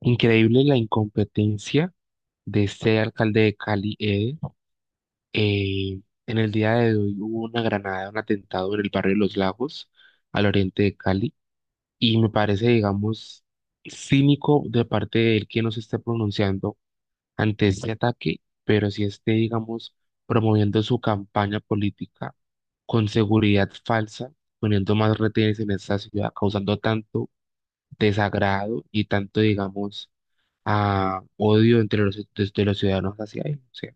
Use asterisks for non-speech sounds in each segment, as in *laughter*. Increíble la incompetencia de este alcalde de Cali, Eder. Eh, en el día de hoy hubo una granada, un atentado en el barrio de Los Lagos, al oriente de Cali, y me parece, digamos, cínico de parte de él que no se esté pronunciando ante este ataque, pero sí esté, digamos, promoviendo su campaña política con seguridad falsa, poniendo más retenes en esta ciudad, causando tanto desagrado y tanto, digamos, a odio entre los, de los ciudadanos hacia él. Sí.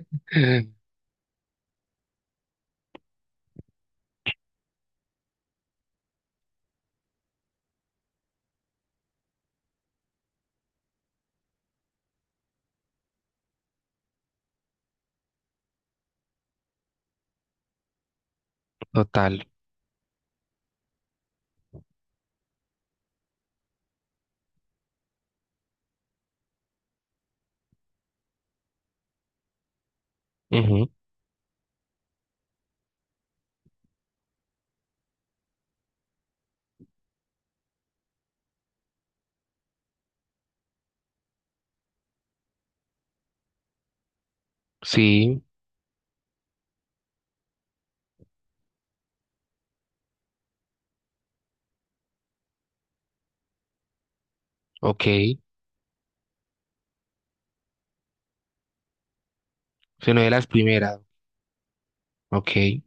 *laughs* Total. Ujú. Sí, ok. Se no de las primeras. Ok.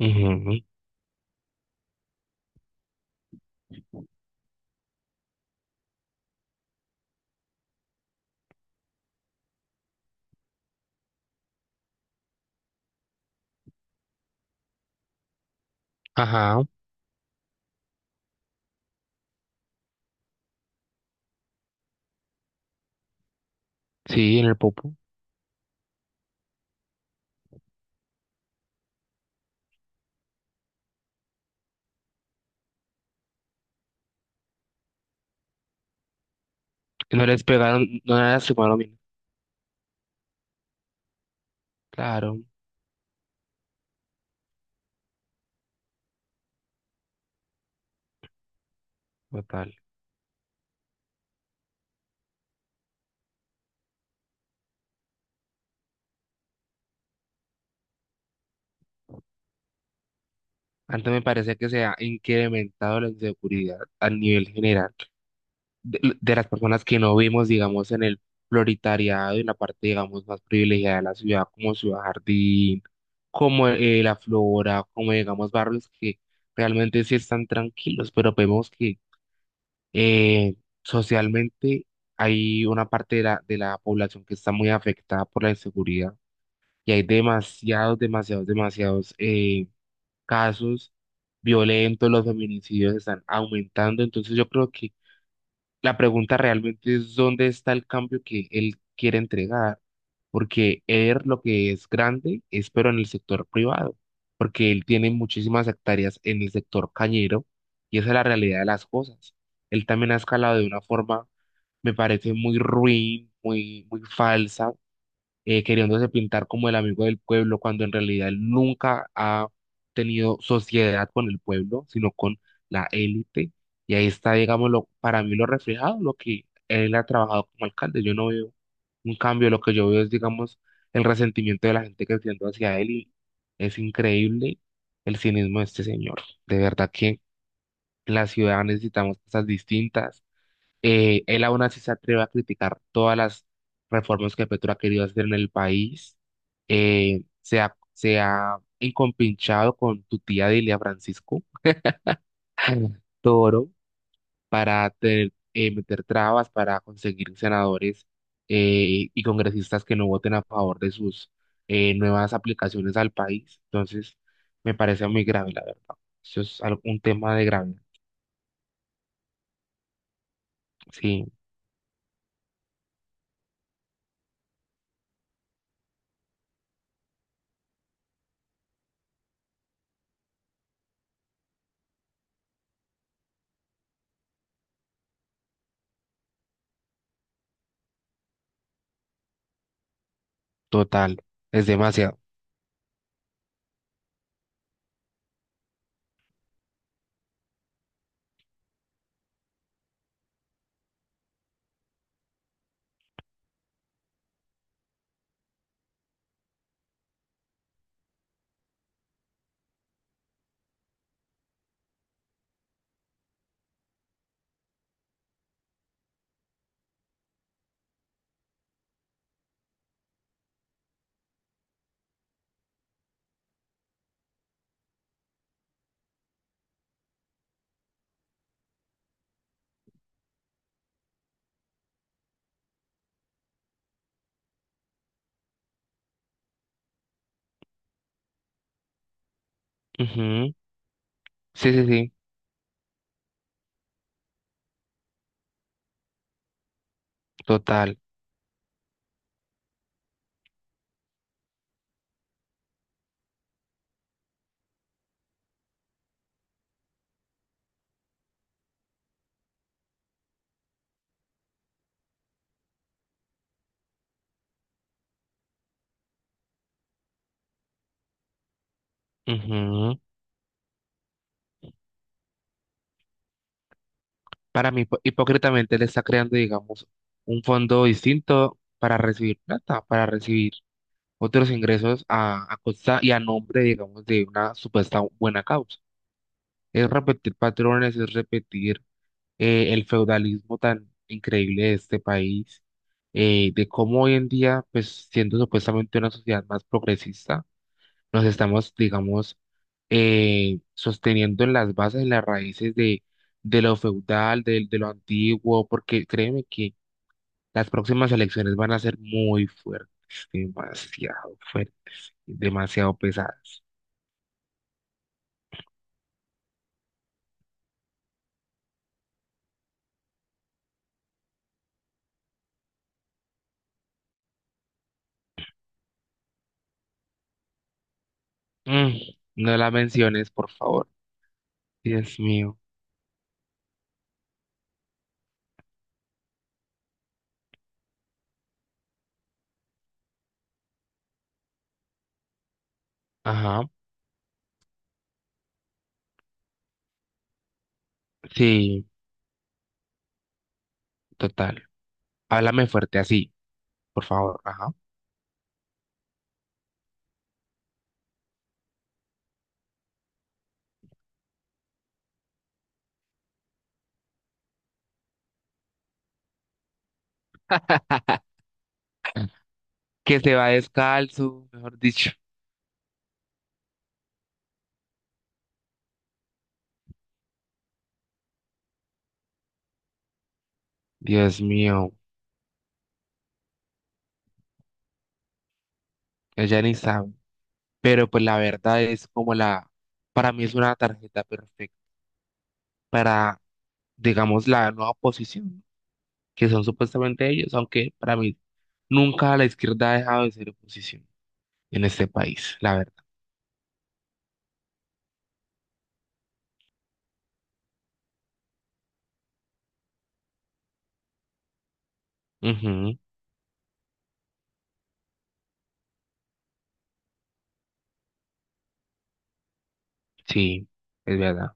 Ujú. Ajá. Sí, en el popo. No les pegaron, no les lastimaron, mira. Claro, total. Antes me parece que se ha incrementado la inseguridad a nivel general de las personas que no vimos, digamos, en el prioritariado, en la parte, digamos, más privilegiada de la ciudad, como Ciudad Jardín, como la Flora, como digamos barrios que realmente sí están tranquilos, pero vemos que eh, socialmente hay una parte de la población que está muy afectada por la inseguridad, y hay demasiados, demasiados, demasiados casos violentos, los feminicidios están aumentando. Entonces yo creo que la pregunta realmente es dónde está el cambio que él quiere entregar, porque él lo que es grande es pero en el sector privado, porque él tiene muchísimas hectáreas en el sector cañero y esa es la realidad de las cosas. Él también ha escalado de una forma, me parece, muy ruin, muy, muy falsa, queriéndose pintar como el amigo del pueblo, cuando en realidad él nunca ha tenido sociedad con el pueblo, sino con la élite. Y ahí está, digámoslo, para mí lo reflejado, lo que él ha trabajado como alcalde. Yo no veo un cambio, lo que yo veo es, digamos, el resentimiento de la gente que siento hacia él, y es increíble el cinismo de este señor. De verdad que la ciudad necesitamos cosas distintas. Él aún así se atreve a criticar todas las reformas que Petro ha querido hacer en el país. Se ha encompinchado con tu tía Delia Francisco *laughs* Toro para meter trabas para conseguir senadores y congresistas que no voten a favor de sus nuevas aplicaciones al país. Entonces, me parece muy grave, la verdad. Eso es un tema de grave. Sí, total. Es demasiado. Ujú. Sí, sí, sí. Total. Ujú. Para mí, hipócritamente le está creando, digamos, un fondo distinto para recibir plata, para recibir otros ingresos a costa y a nombre, digamos, de una supuesta buena causa. Es repetir patrones, es repetir el feudalismo tan increíble de este país, de cómo hoy en día, pues siendo supuestamente una sociedad más progresista, nos estamos, digamos, sosteniendo en las bases, en las raíces de lo feudal, de lo antiguo, porque créeme que las próximas elecciones van a ser muy fuertes, demasiado pesadas. Mm, no la menciones, por favor. Dios mío. Ajá. Sí, total. Háblame fuerte así, por favor. Ajá. Que se va descalzo, mejor dicho. Dios mío, ella ni sabe. Pero pues la verdad es como la, para mí es una tarjeta perfecta para, digamos, la nueva oposición, que son supuestamente ellos, aunque para mí nunca la izquierda ha dejado de ser oposición en este país, la verdad. Ujú. Sí, es verdad.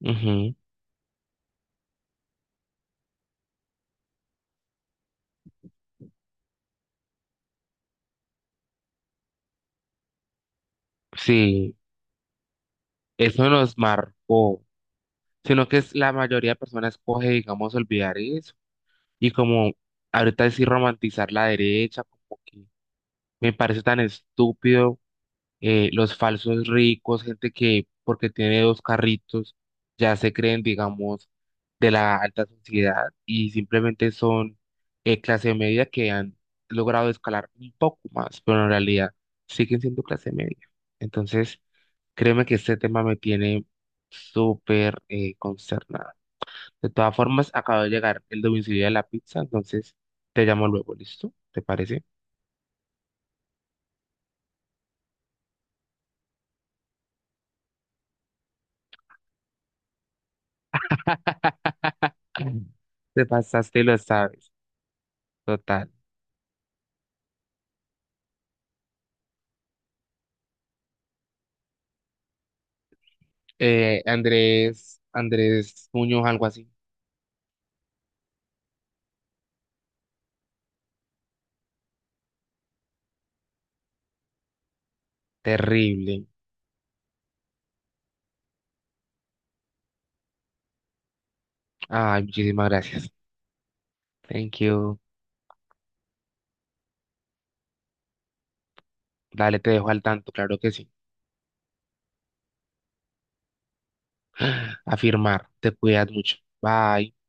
Ujú. Sí, eso nos marcó, sino que es, la mayoría de personas coge, digamos, olvidar eso, y como ahorita decir romantizar la derecha, como que me parece tan estúpido. Los falsos ricos, gente que porque tiene dos carritos ya se creen, digamos, de la alta sociedad, y simplemente son clase media que han logrado escalar un poco más, pero en realidad siguen siendo clase media. Entonces, créeme que este tema me tiene súper consternada. De todas formas, acaba de llegar el domicilio de la pizza, entonces te llamo luego, ¿listo? ¿Te parece? *laughs* Te pasaste y lo sabes. Total. Andrés, Andrés Muñoz, algo así. Terrible. Ay, muchísimas gracias. Thank you. Dale, te dejo al tanto, claro que sí. Afirmar, te cuidas mucho. Bye.